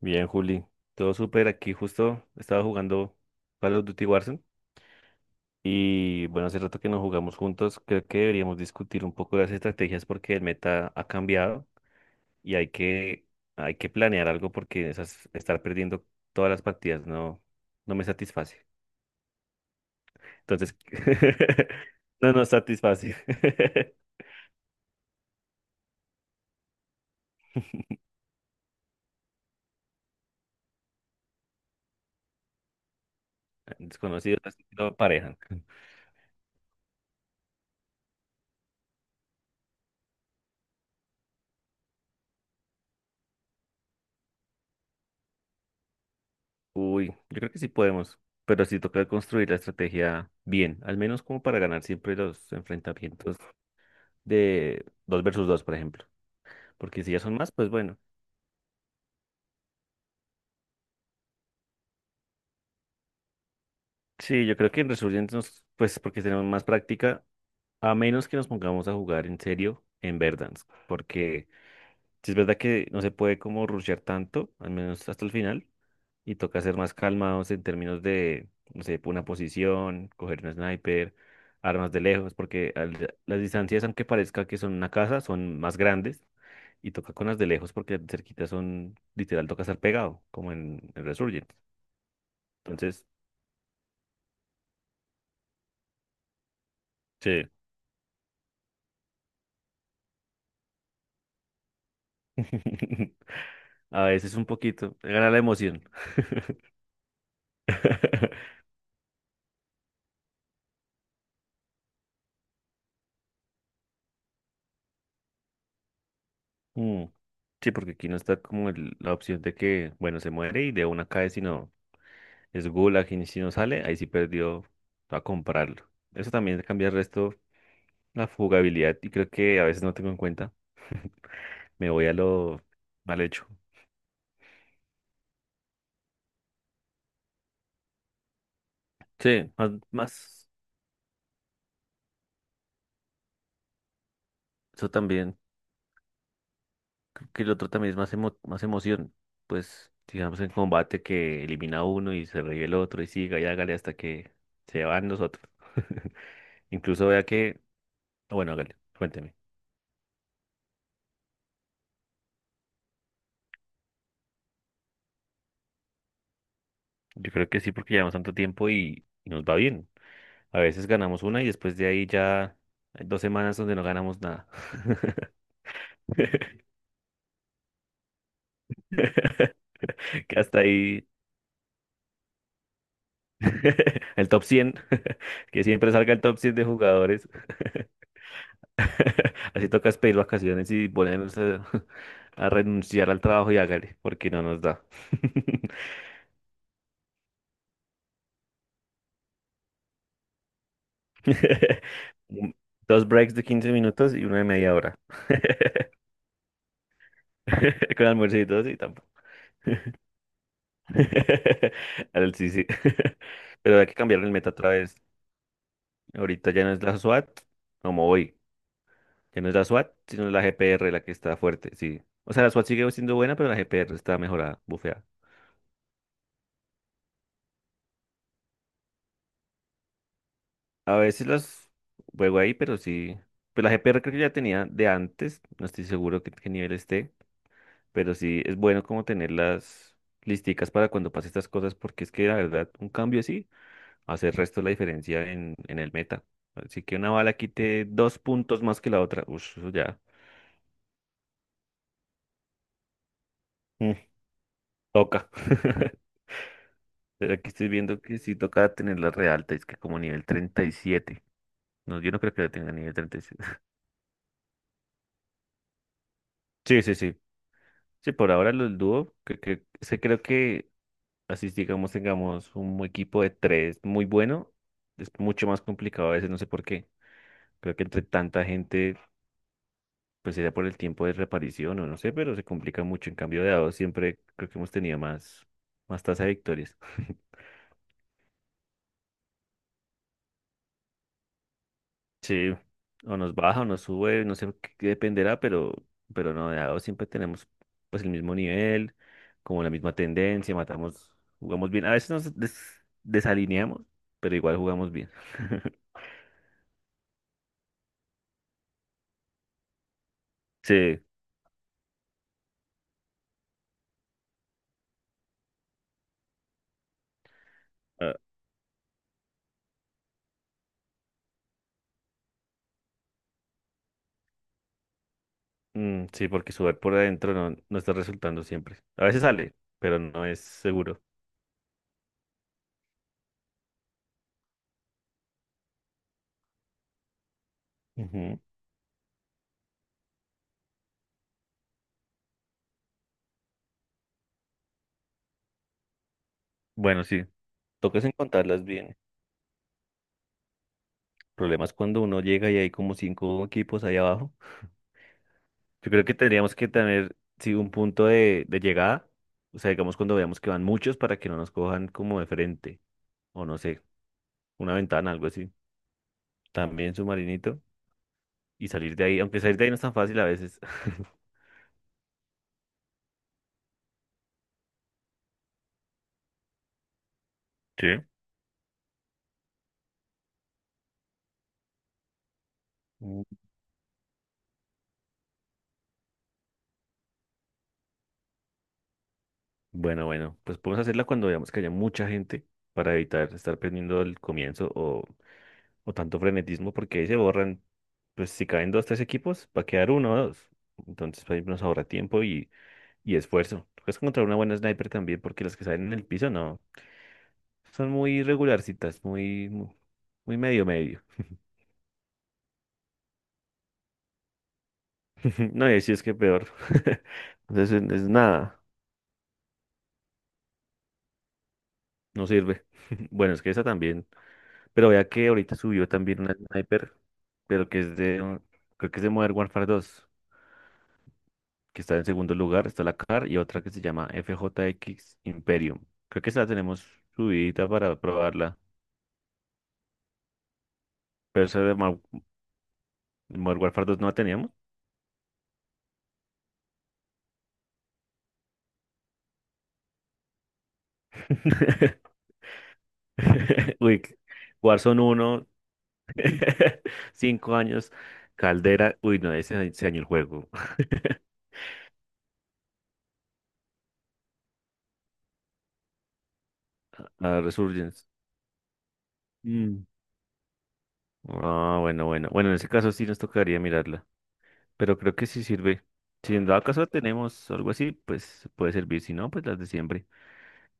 Bien, Juli. Todo súper. Aquí justo estaba jugando Call of Duty Warzone. Y bueno, hace rato que no jugamos juntos. Creo que deberíamos discutir un poco las estrategias porque el meta ha cambiado y hay que planear algo porque estar perdiendo todas las partidas no me satisface. Entonces, no nos satisface. Desconocidos así que no. Uy, yo creo que sí podemos, pero sí toca construir la estrategia bien, al menos como para ganar siempre los enfrentamientos de 2 versus 2, por ejemplo, porque si ya son más, pues bueno. Sí, yo creo que en resumen, pues porque tenemos más práctica, a menos que nos pongamos a jugar en serio en Verdansk, porque si es verdad que no se puede como rushear tanto, al menos hasta el final, y toca ser más calmados en términos de, no sé, una posición, coger un sniper, armas de lejos, porque las distancias, aunque parezca que son una casa, son más grandes y toca con las de lejos porque cerquitas son, literal, toca estar pegado, como en Resurgent. Entonces, sí, a veces un poquito, gana la emoción. Mm, sí, porque aquí no está como la opción de que, bueno, se muere y de una cae, sino es Gulag y si no sale, ahí sí perdió a comprarlo. Eso también cambia el resto, la jugabilidad, y creo que a veces no tengo en cuenta. Me voy a lo mal hecho. Sí, más, eso también, que el otro también es más emoción. Pues, digamos, en combate que elimina a uno y se revive el otro y siga y hágale hasta que se van los otros. Incluso vea que, bueno, hágale, cuénteme. Yo creo que sí, porque llevamos tanto tiempo y nos va bien. A veces ganamos una y después de ahí ya hay dos semanas donde no ganamos nada. Que hasta ahí el top 100 que siempre salga el top 100 de jugadores. Así toca pedir vacaciones y a renunciar al trabajo y hágale, porque no nos da. Un- Dos breaks de 15 minutos y uno de media hora. Con almuercitos y tampoco. Sí, sí. Pero hay que cambiar el meta otra vez. Ahorita ya no es la SWAT, como hoy. Ya no es la SWAT, sino la GPR la que está fuerte, sí. O sea, la SWAT sigue siendo buena, pero la GPR está mejorada, bufeada. A veces las juego ahí, pero sí. Pues la GPR creo que ya tenía de antes, no estoy seguro qué nivel esté, pero sí es bueno como tenerlas listicas para cuando pase estas cosas, porque es que la verdad, un cambio así hace el resto de la diferencia en el meta. Así que una bala quite dos puntos más que la otra. Uff, ya. Mm, toca. Pero aquí estoy viendo que sí toca tenerla re alta, es que como nivel treinta y siete. No, yo no creo que la tenga nivel treinta y siete. Sí, sí. Sí, por ahora los dúo, que, se creo que así digamos tengamos un equipo de tres muy bueno, es mucho más complicado a veces, no sé por qué. Creo que entre tanta gente, pues sería por el tiempo de reparición o no sé, pero se complica mucho. En cambio de a dos siempre creo que hemos tenido más tasa de victorias. Sí, o nos baja o nos sube, no sé qué dependerá, pero no, de a dos siempre tenemos pues el mismo nivel, como la misma tendencia, matamos, jugamos bien. A veces nos desalineamos, pero igual jugamos bien. Sí, ah, mm, sí, porque sudar por adentro no está resultando siempre. A veces sale, pero no es seguro. Ujú. Bueno, sí, toca es encontrarlas bien. El problema es cuando uno llega y hay como cinco equipos ahí abajo. Yo creo que tendríamos que tener, sí, un punto de llegada. O sea, digamos cuando veamos que van muchos para que no nos cojan como de frente. O no sé, una ventana, algo así. También submarinito. Y salir de ahí, aunque salir de ahí no es tan fácil a veces. Sí. Mm. Bueno, bueno, pues podemos hacerla cuando veamos que haya mucha gente para evitar estar perdiendo el o tanto frenetismo, porque ahí se borran, pues si caen dos, tres equipos, va a quedar uno o dos. Entonces, pues, ahí nos ahorra tiempo y Y esfuerzo. Es encontrar una buena sniper también, porque las que salen en el piso no. Son muy regularcitas, muy medio medio. No, y si es que peor. Entonces es nada, no sirve. Bueno, es que esa también. Pero vea que ahorita subió también una sniper, pero que es creo que es de Modern Warfare 2, que está en segundo lugar, está la CAR y otra que se llama FJX Imperium. Creo que esa la tenemos subidita para probarla. Pero esa de Modern Warfare 2 no la teníamos. Uy, Warzone uno, 5 años, Caldera, uy, no, ese año el juego. Ah, Resurgence. Mm. Ah, bueno. Bueno, en ese caso sí nos tocaría mirarla, pero creo que sí sirve. Si en dado caso tenemos algo así, pues puede servir, si no, pues las de siempre.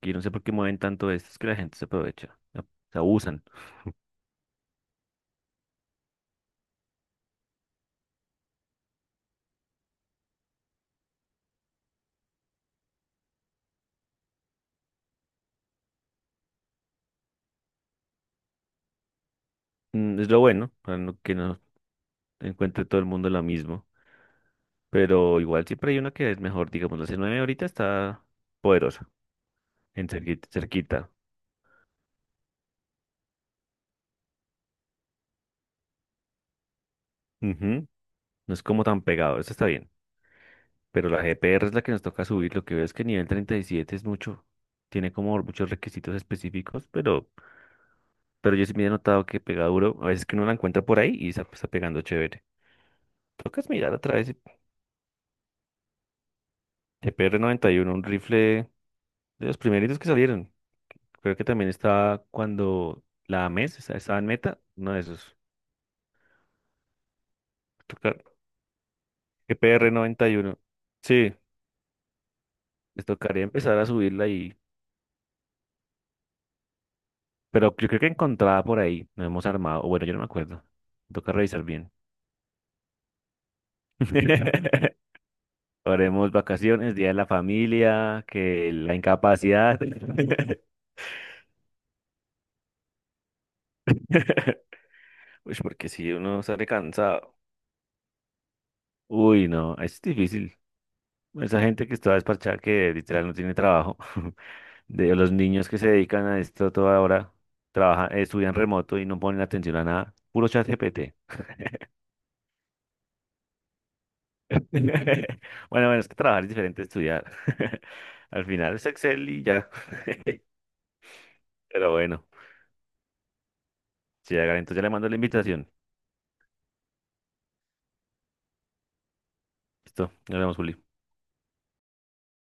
Que yo no sé por qué mueven tanto esto, es que la gente se aprovecha, ¿no? Se abusan. Mm, es lo bueno, para que no encuentre todo el mundo lo mismo, pero igual siempre hay una que es mejor, digamos, la C9 ahorita está poderosa. En cerquita, cerquita. Ujú. No es como tan pegado, eso está bien. Pero la GPR es la que nos toca subir. Lo que veo es que nivel 37 es mucho. Tiene como muchos requisitos específicos, pero yo sí me he notado que pega duro. A veces que uno la encuentra por ahí y está pegando chévere. Tocas mirar a través de GPR 91, un rifle de los primeritos que salieron. Creo que también estaba cuando la MES estaba en meta, uno de esos. Tocar GPR 91. Sí, les tocaría empezar a subirla. Pero yo creo que encontraba por ahí, nos hemos armado, o bueno, yo no me acuerdo, toca revisar bien. Haremos vacaciones, día de la familia, que la incapacidad. Uy, porque si uno sale cansado. Uy, no, es difícil. Esa gente que está despachada, que literal no tiene trabajo, de los niños que se dedican a esto toda hora, trabajan, estudian remoto y no ponen atención a nada, puro chat GPT. Bueno, bueno, es que trabajar es diferente a estudiar. Al final es Excel y ya. Pero bueno, si hagan, entonces ya le mando la invitación. Listo, nos vemos, Juli.